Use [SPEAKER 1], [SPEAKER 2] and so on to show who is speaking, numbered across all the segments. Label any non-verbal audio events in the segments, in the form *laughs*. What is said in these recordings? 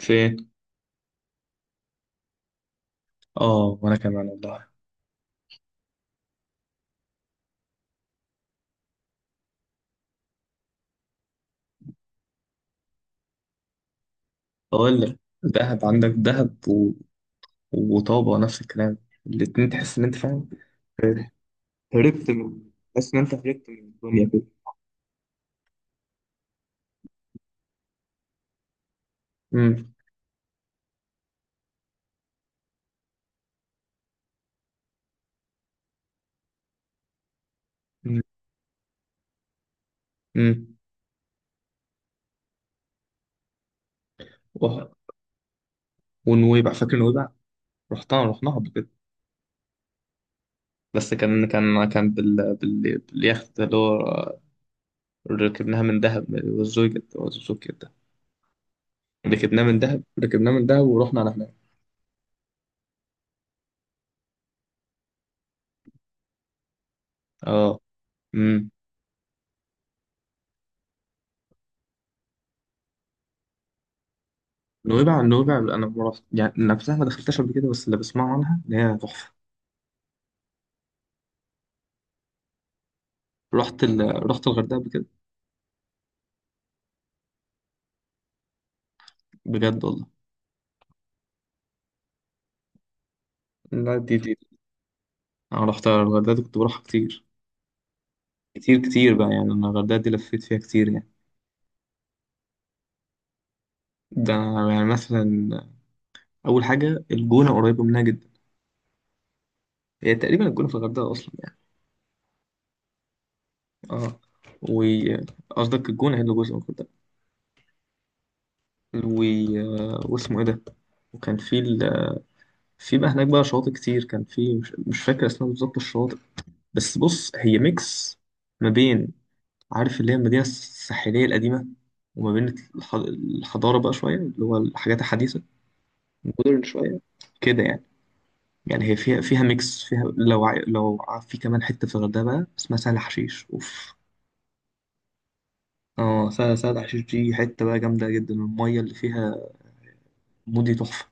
[SPEAKER 1] فين؟ اه، وانا كمان والله. اقول لك دهب عندك دهب وطابة نفس الكلام، الاتنين تحس ان انت فاهم. هربت من تحس ان انت هربت من الدنيا كده. امم. امم. أمم. وه- ونويبع، فاكر نويبع؟ رحناها قبل كده، بس كان باليخت اللي هو ركبناها من دهب. والزوجة ده. ركبناه من دهب ورحنا على هناك. اه. امم. نويبع، نويبع، انا ما رحت- يعني نفسها ما دخلتهاش قبل كده، بس اللي بسمعه عنها ان هي تحفة. رحت الغردقة قبل كده. بجد والله. لا، دي أنا رحت الغردقة، دي كنت بروحها كتير. كتير كتير بقى، يعني أنا الغردقة دي لفيت فيها كتير يعني. ده أنا يعني مثلا، أول حاجة الجونة قريبة منها جدا. هي تقريبا الجونة في الغردقة أصلا يعني. أه. و، قصدك الجونة هي اللي جزء من الغردقة. و... واسمه إيه ده؟ وكان في ال... في بقى هناك بقى شواطئ كتير، كان في مش فاكر اسمها بالظبط الشواطئ. بس بص، هي ميكس ما بين، عارف، اللي هي المدينة الساحلية القديمة، وما بين الحضارة بقى شوية، اللي هو الحاجات الحديثة، مودرن شوية كده يعني. يعني هي فيها ميكس، فيها في كمان حتة في الغردقة بقى اسمها سهل حشيش، اوف. اه، سهل حشيش دي حتة بقى جامدة جدا، المية اللي فيها مودي تحفة.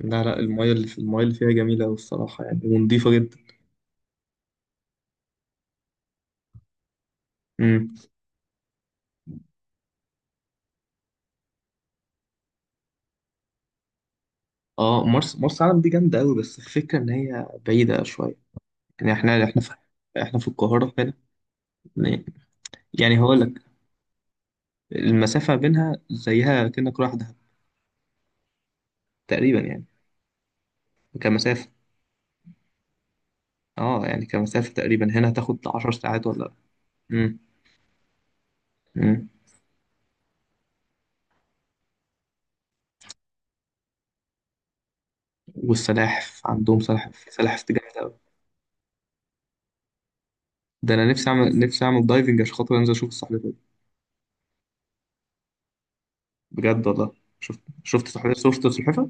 [SPEAKER 1] لا لا، المية اللي فيها جميلة أوي الصراحة يعني، ونضيفة جدا. امم. اه، مرسى علم دي جامدة أوي، بس الفكرة إن هي بعيدة شوية. يعني احنا في القاهرة هنا، يعني هقول لك المسافة بينها زيها كأنك رايح دهب تقريبا يعني، كمسافة. اه يعني كمسافة تقريبا هنا هتاخد 10 ساعات ولا. امم. امم. والسلاحف، عندهم سلاحف، جامدة أوي. ده أنا نفسي أعمل دايفنج عشان خاطر أنزل أشوف السلحفاة دي. بجد والله. شفت سلحفاة، شفت سلحفاة.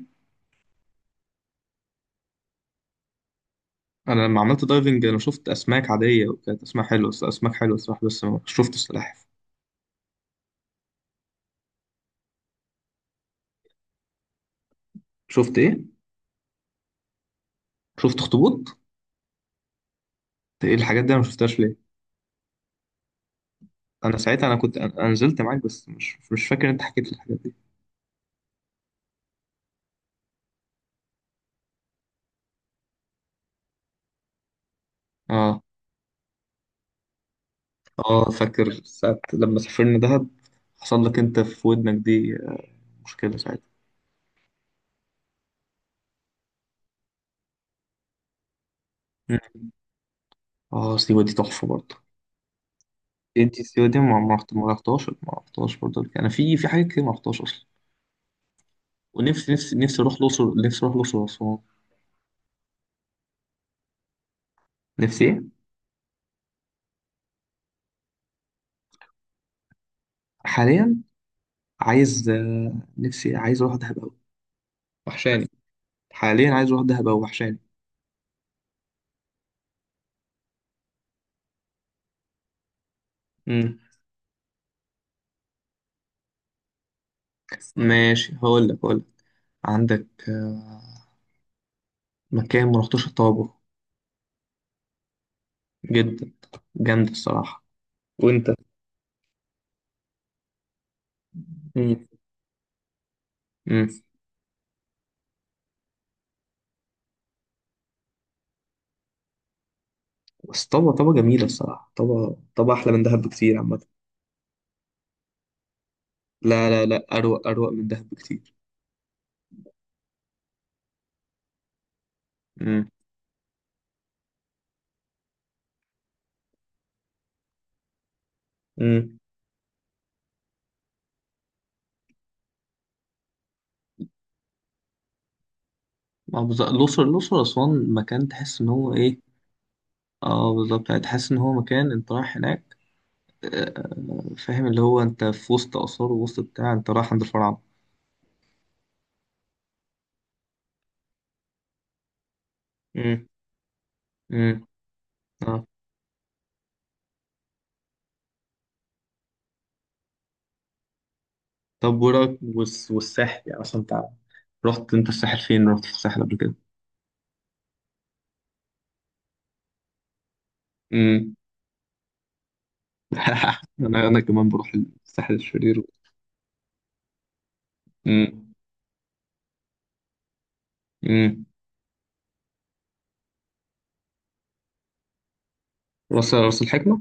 [SPEAKER 1] أنا لما عملت دايفنج أنا شفت أسماك عادية، وكانت أسماك حلوة، بس أسماك حلوة الصراحة، بس ما شفت السلاحف. شفت إيه؟ شفت أخطبوط؟ إيه الحاجات دي أنا ما شفتهاش ليه؟ أنا ساعتها، أنا كنت، أنا نزلت معاك، بس مش فاكر أنت حكيت لي الحاجات دي. اه. اه فاكر ساعة لما سافرنا دهب، حصل لك انت في ودنك دي مشكلة ساعتها. مم. اه، سيوة دي تحفة برضه. انت سيوة دي ما رحتهاش برضه قبل كده. انا في حاجات كتير ما رحتهاش اصلا، ونفسي، نفسي نفسي اروح الاقصر واسوان. نفسي ايه. حاليا عايز آه، نفسي عايز اروح دهب اوي، وحشاني. حاليا عايز اروح دهب اوي، وحشاني. مم. ماشي، هقول لك. عندك آه، مكان ما رحتوش، الطابة. جدا، جامد الصراحة. وانت؟ مم. امم. بس طبعا طبعا جميلة الصراحة، طبعا طبعا أحلى من دهب بكتير عامة. لا، لا، لا، أروق من دهب بكتير. امم. امم. اه بالظبط، الأقصر أسوان مكان تحس إن هو إيه. اه بالظبط، يعني تحس إن هو مكان أنت رايح هناك آه، فاهم، اللي هو أنت في وسط آثار ووسط بتاع، أنت رايح عند الفراعنة. امم. امم. اه. طب ورا والساحل يعني أصلا أنت، رحت أنت الساحل فين؟ رحت في الساحل قبل كده؟ امم. *laughs* أنا كمان بروح الساحل الشرير. امم. راس الحكمة.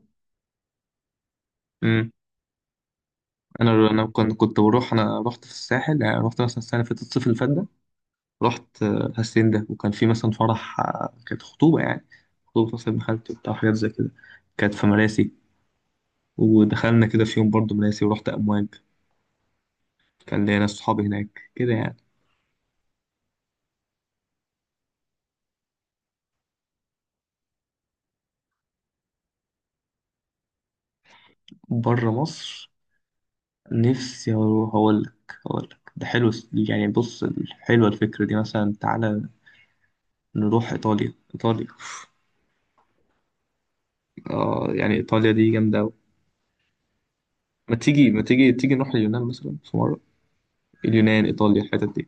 [SPEAKER 1] امم. انا، كنت بروح، انا رحت في الساحل يعني، رحت مثلا السنة اللي فاتت، الصيف اللي فات ده، رحت آه، هاسين ده، وكان في مثلا فرح آه، كانت خطوبة يعني، خطوبة مثلا ابن خالتي وبتاع حاجات زي كده. كانت في مراسي، ودخلنا كده في يوم برضه مراسي، ورحت امواج، كان ليا ناس صحابي هناك كده يعني. بره مصر. نفسي اروح، اقول لك ده حلو يعني، بص، حلوة الفكرة دي. مثلا تعالى نروح ايطاليا، ايطاليا آه يعني ايطاليا دي جامدة. ما تيجي ما تيجي تيجي نروح اليونان مثلا في مرة، اليونان، إيطاليا، الحتت دي.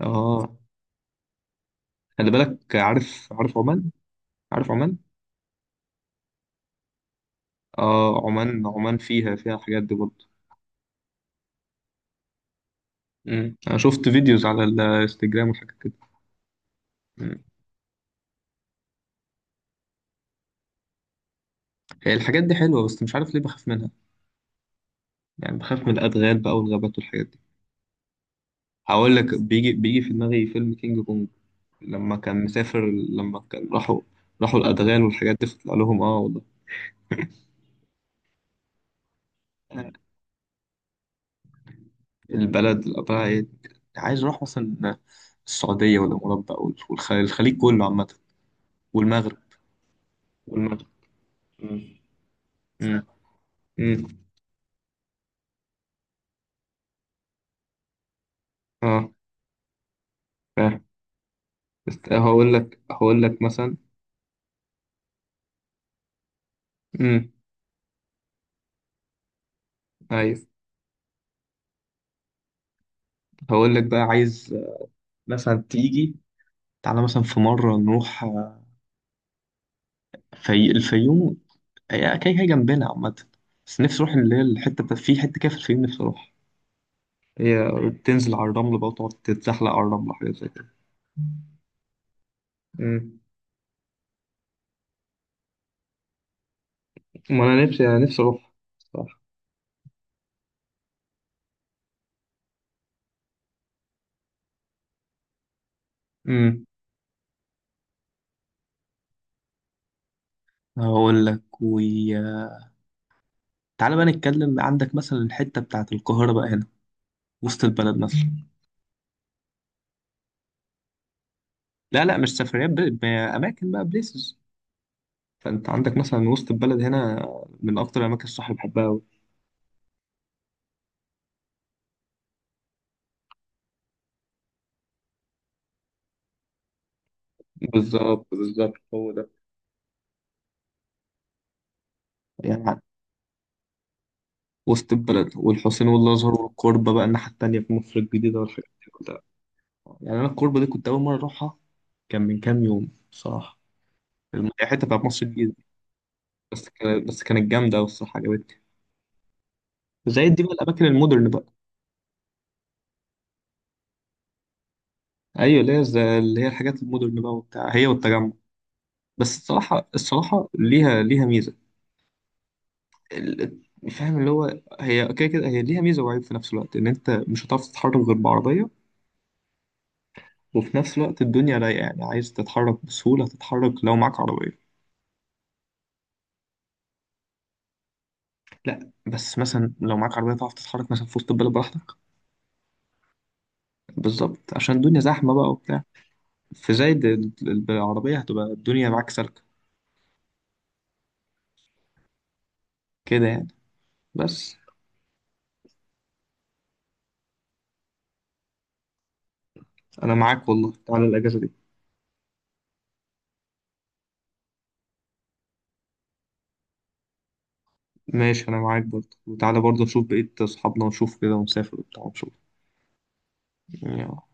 [SPEAKER 1] اه، خلي بالك، عارف عمان، عارف عمان. اه، عمان فيها، الحاجات دي برضه. أمم. انا شفت فيديوز على الانستجرام وحاجات كده. أمم. هي الحاجات دي حلوة، بس مش عارف ليه بخاف منها. يعني بخاف من الأدغال بقى والغابات والحاجات دي. هقول لك، بيجي في دماغي فيلم كينج كونج، لما كان مسافر، لما كان راحوا الأدغال والحاجات دي، فطلع لهم اه والله. البلد اللي قبلها إيه؟ عايز أروح مثلا السعودية والإمارات بقى، الخليج كله عامة. والمغرب، والمغرب. مم. مم. مم. اه، فاهم. بس هقول لك مثلا. امم. ايوه. هقول لك بقى عايز مثلا تيجي، تعالى مثلا في مرة نروح آه، في الفيوم، هي كده كده جنبنا عامة. بس نفسي اروح اللي هي في حتة كده في الفيوم، نفسي اروحها. هي بتنزل على الرمل بقى، وتقعد تتزحلق على الرمل، حاجات زي كده. مم. ما انا نفسي انا نفسي اروح، صح. امم. هقول لك تعالى بقى نتكلم، عندك مثلا الحتة بتاعت القاهرة بقى هنا، وسط البلد مثلا. لا لا، مش سفريات بأماكن بقى، بليسز. فأنت عندك مثلا وسط البلد هنا، من أكتر الأماكن الصح اللي بحبها أوي. بالظبط، هو ده. يعني وسط البلد والحسين والأزهر والكوربة بقى، الناحية التانية في مصر الجديدة والحاجات دي كلها. يعني أنا الكوربة دي كنت أول مرة أروحها، كان من كام يوم صراحة، الحتة بتاعت مصر الجديدة. بس كانت، جامدة أوي الصراحة، عجبتني. زي دي بقى الأماكن المودرن بقى. أيوة اللي هي اللي هي الحاجات المودرن بقى وبتاع، هي والتجمع. بس الصراحة ليها ميزة. ال- فاهم اللي هو هي كده كده، هي ليها ميزة وعيب في نفس الوقت، إن أنت مش هتعرف تتحرك غير بعربية. وفي نفس الوقت الدنيا رايقة يعني، عايز تتحرك بسهولة، تتحرك لو معاك عربية. لا بس مثلا لو معاك عربية تعرف تتحرك مثلا في وسط البلد براحتك. بالظبط، عشان الدنيا زحمة بقى وبتاع، في زايد بالعربية هتبقى الدنيا معاك سالكة، كده يعني. بس انا معاك والله، تعالى الاجازه دي. ماشي، انا معاك برضه، وتعالى برضه نشوف بقيه اصحابنا، ونشوف كده، ونسافر وبتاع ونشوف يعني.